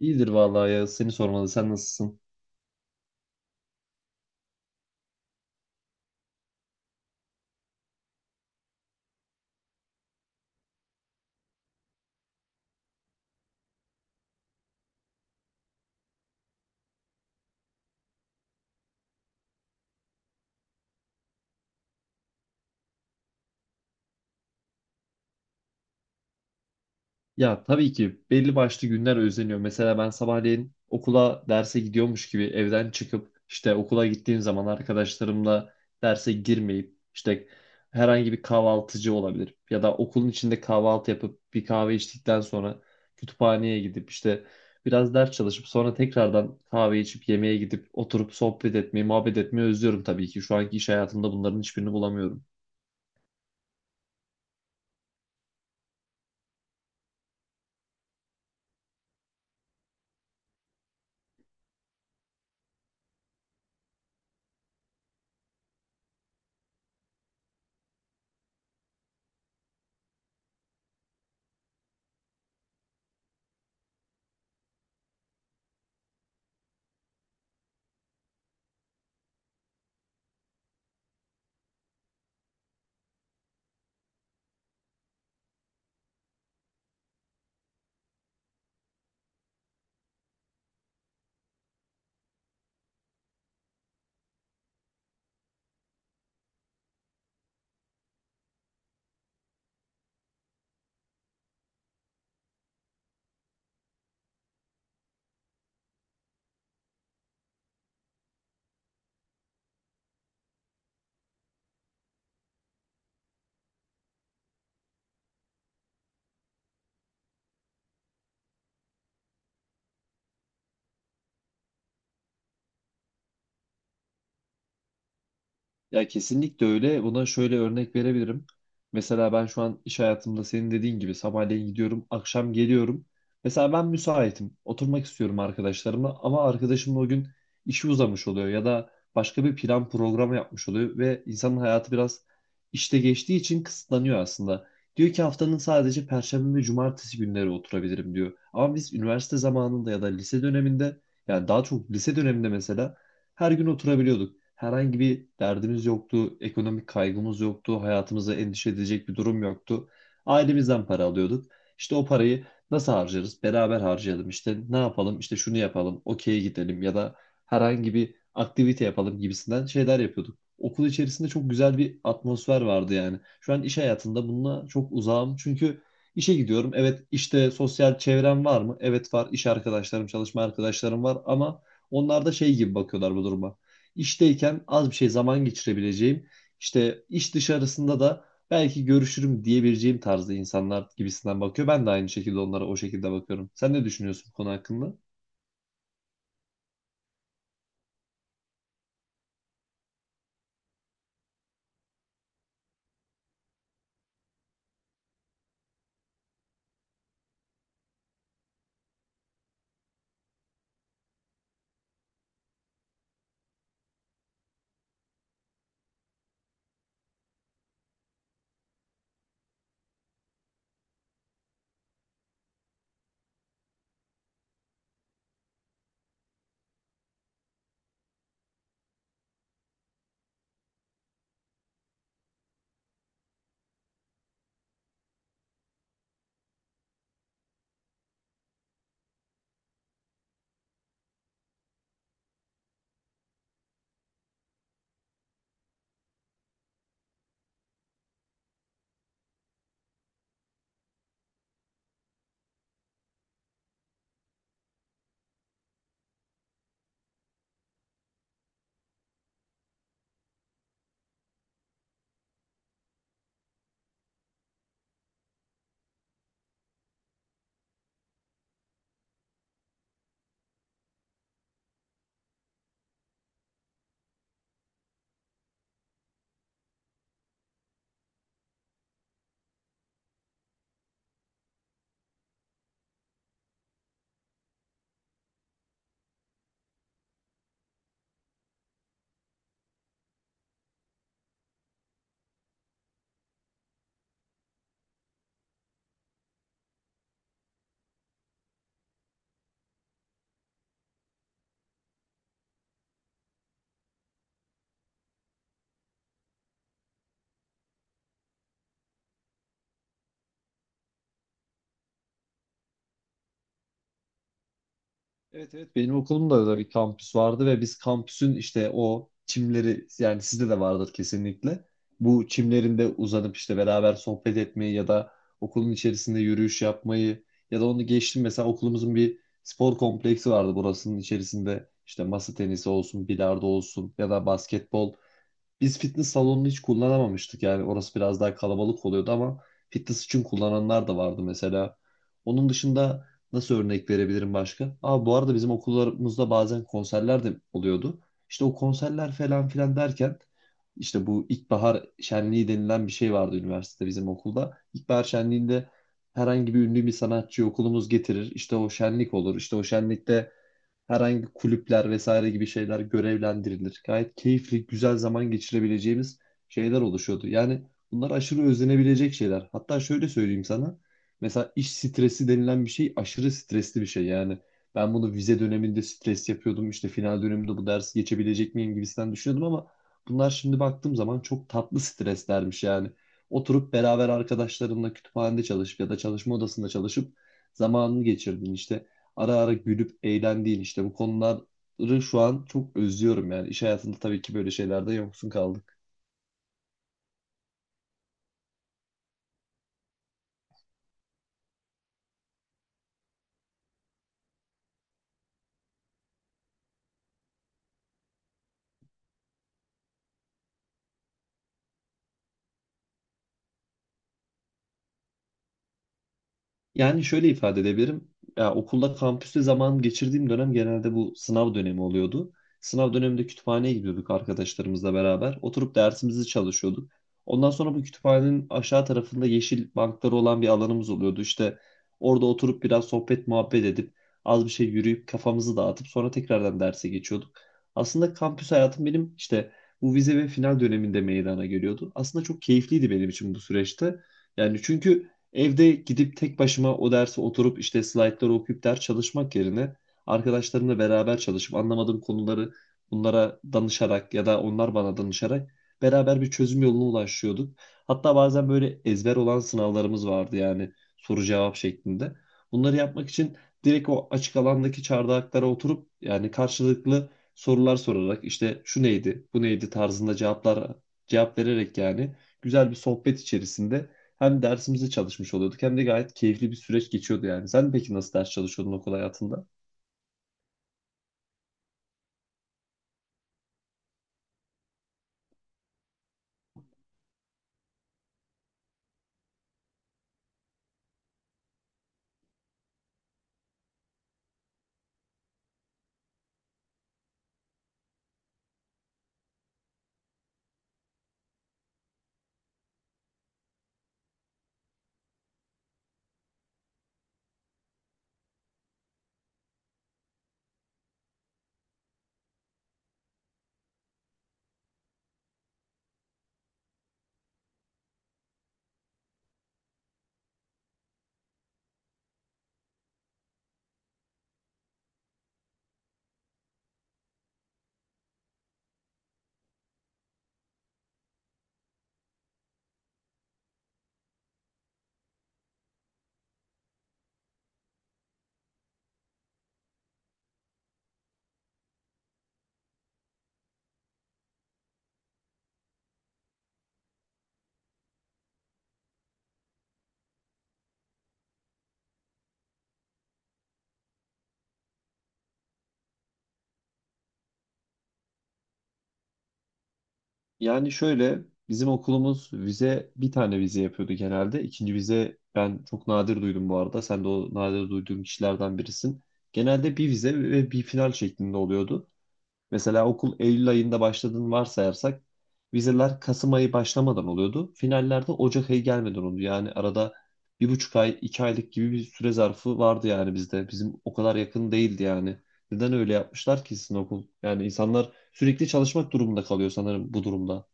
İyidir vallahi ya, seni sormalı, sen nasılsın? Ya tabii ki belli başlı günler özleniyor. Mesela ben sabahleyin okula derse gidiyormuş gibi evden çıkıp işte okula gittiğim zaman arkadaşlarımla derse girmeyip işte herhangi bir kahvaltıcı olabilir ya da okulun içinde kahvaltı yapıp bir kahve içtikten sonra kütüphaneye gidip işte biraz ders çalışıp sonra tekrardan kahve içip yemeğe gidip oturup sohbet etmeyi, muhabbet etmeyi özlüyorum tabii ki. Şu anki iş hayatımda bunların hiçbirini bulamıyorum. Ya kesinlikle öyle. Buna şöyle örnek verebilirim. Mesela ben şu an iş hayatımda senin dediğin gibi sabahleyin gidiyorum, akşam geliyorum. Mesela ben müsaitim. Oturmak istiyorum arkadaşlarımla ama arkadaşımla o gün işi uzamış oluyor ya da başka bir plan programı yapmış oluyor ve insanın hayatı biraz işte geçtiği için kısıtlanıyor aslında. Diyor ki haftanın sadece perşembe ve cumartesi günleri oturabilirim diyor. Ama biz üniversite zamanında ya da lise döneminde, yani daha çok lise döneminde mesela her gün oturabiliyorduk. Herhangi bir derdimiz yoktu, ekonomik kaygımız yoktu, hayatımıza endişe edecek bir durum yoktu. Ailemizden para alıyorduk. İşte o parayı nasıl harcarız? Beraber harcayalım. İşte ne yapalım? İşte şunu yapalım, okey'e gidelim ya da herhangi bir aktivite yapalım gibisinden şeyler yapıyorduk. Okul içerisinde çok güzel bir atmosfer vardı yani. Şu an iş hayatında bununla çok uzağım çünkü işe gidiyorum. Evet işte, sosyal çevrem var mı? Evet var. İş arkadaşlarım, çalışma arkadaşlarım var ama onlar da şey gibi bakıyorlar bu duruma. İşteyken az bir şey zaman geçirebileceğim, işte iş dışarısında da belki görüşürüm diyebileceğim tarzda insanlar gibisinden bakıyor. Ben de aynı şekilde onlara o şekilde bakıyorum. Sen ne düşünüyorsun bu konu hakkında? Evet evet, benim okulumda da bir kampüs vardı ve biz kampüsün işte o çimleri, yani sizde de vardır kesinlikle. Bu çimlerinde uzanıp işte beraber sohbet etmeyi ya da okulun içerisinde yürüyüş yapmayı ya da onu geçtim mesela okulumuzun bir spor kompleksi vardı, burasının içerisinde işte masa tenisi olsun, bilardo olsun ya da basketbol, biz fitness salonunu hiç kullanamamıştık yani, orası biraz daha kalabalık oluyordu ama fitness için kullananlar da vardı mesela. Onun dışında nasıl örnek verebilirim başka? Aa, bu arada bizim okullarımızda bazen konserler de oluyordu. İşte o konserler falan filan derken işte bu ilkbahar şenliği denilen bir şey vardı üniversitede, bizim okulda. İlkbahar şenliğinde herhangi bir ünlü bir sanatçı okulumuz getirir. İşte o şenlik olur. İşte o şenlikte herhangi kulüpler vesaire gibi şeyler görevlendirilir. Gayet keyifli, güzel zaman geçirebileceğimiz şeyler oluşuyordu. Yani bunlar aşırı özlenebilecek şeyler. Hatta şöyle söyleyeyim sana. Mesela iş stresi denilen bir şey aşırı stresli bir şey. Yani ben bunu vize döneminde stres yapıyordum. İşte final döneminde bu dersi geçebilecek miyim gibisinden düşünüyordum ama bunlar şimdi baktığım zaman çok tatlı streslermiş yani. Oturup beraber arkadaşlarımla kütüphanede çalışıp ya da çalışma odasında çalışıp zamanını geçirdin, işte ara ara gülüp eğlendiğin işte bu konuları şu an çok özlüyorum yani. İş hayatında tabii ki böyle şeylerde yoksun kaldım. Yani şöyle ifade edebilirim. Ya okulda, kampüste zaman geçirdiğim dönem genelde bu sınav dönemi oluyordu. Sınav döneminde kütüphaneye gidiyorduk arkadaşlarımızla beraber. Oturup dersimizi çalışıyorduk. Ondan sonra bu kütüphanenin aşağı tarafında yeşil bankları olan bir alanımız oluyordu. İşte orada oturup biraz sohbet muhabbet edip az bir şey yürüyüp kafamızı dağıtıp sonra tekrardan derse geçiyorduk. Aslında kampüs hayatım benim işte bu vize ve final döneminde meydana geliyordu. Aslında çok keyifliydi benim için bu süreçte. Yani çünkü evde gidip tek başıma o dersi oturup işte slaytları okuyup ders çalışmak yerine arkadaşlarımla beraber çalışıp anlamadığım konuları bunlara danışarak ya da onlar bana danışarak beraber bir çözüm yoluna ulaşıyorduk. Hatta bazen böyle ezber olan sınavlarımız vardı, yani soru cevap şeklinde. Bunları yapmak için direkt o açık alandaki çardaklara oturup yani karşılıklı sorular sorarak işte şu neydi, bu neydi tarzında cevaplar, cevap vererek yani güzel bir sohbet içerisinde hem dersimizi çalışmış oluyorduk hem de gayet keyifli bir süreç geçiyordu yani. Sen peki nasıl ders çalışıyordun okul hayatında? Yani şöyle, bizim okulumuz bir tane vize yapıyordu genelde. İkinci vize ben çok nadir duydum bu arada. Sen de o nadir duyduğum kişilerden birisin. Genelde bir vize ve bir final şeklinde oluyordu. Mesela okul Eylül ayında başladığını varsayarsak vizeler Kasım ayı başlamadan oluyordu. Finallerde Ocak ayı gelmeden oldu. Yani arada 1,5 ay, 2 aylık gibi bir süre zarfı vardı yani bizde. Bizim o kadar yakın değildi yani. Neden öyle yapmışlar ki sizin okul? Yani insanlar sürekli çalışmak durumunda kalıyor sanırım bu durumda.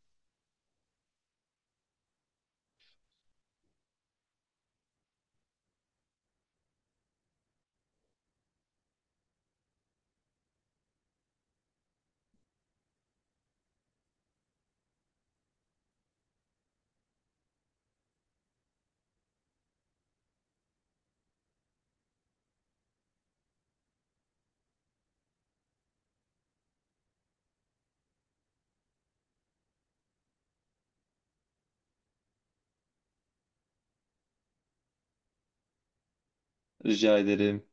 Rica ederim.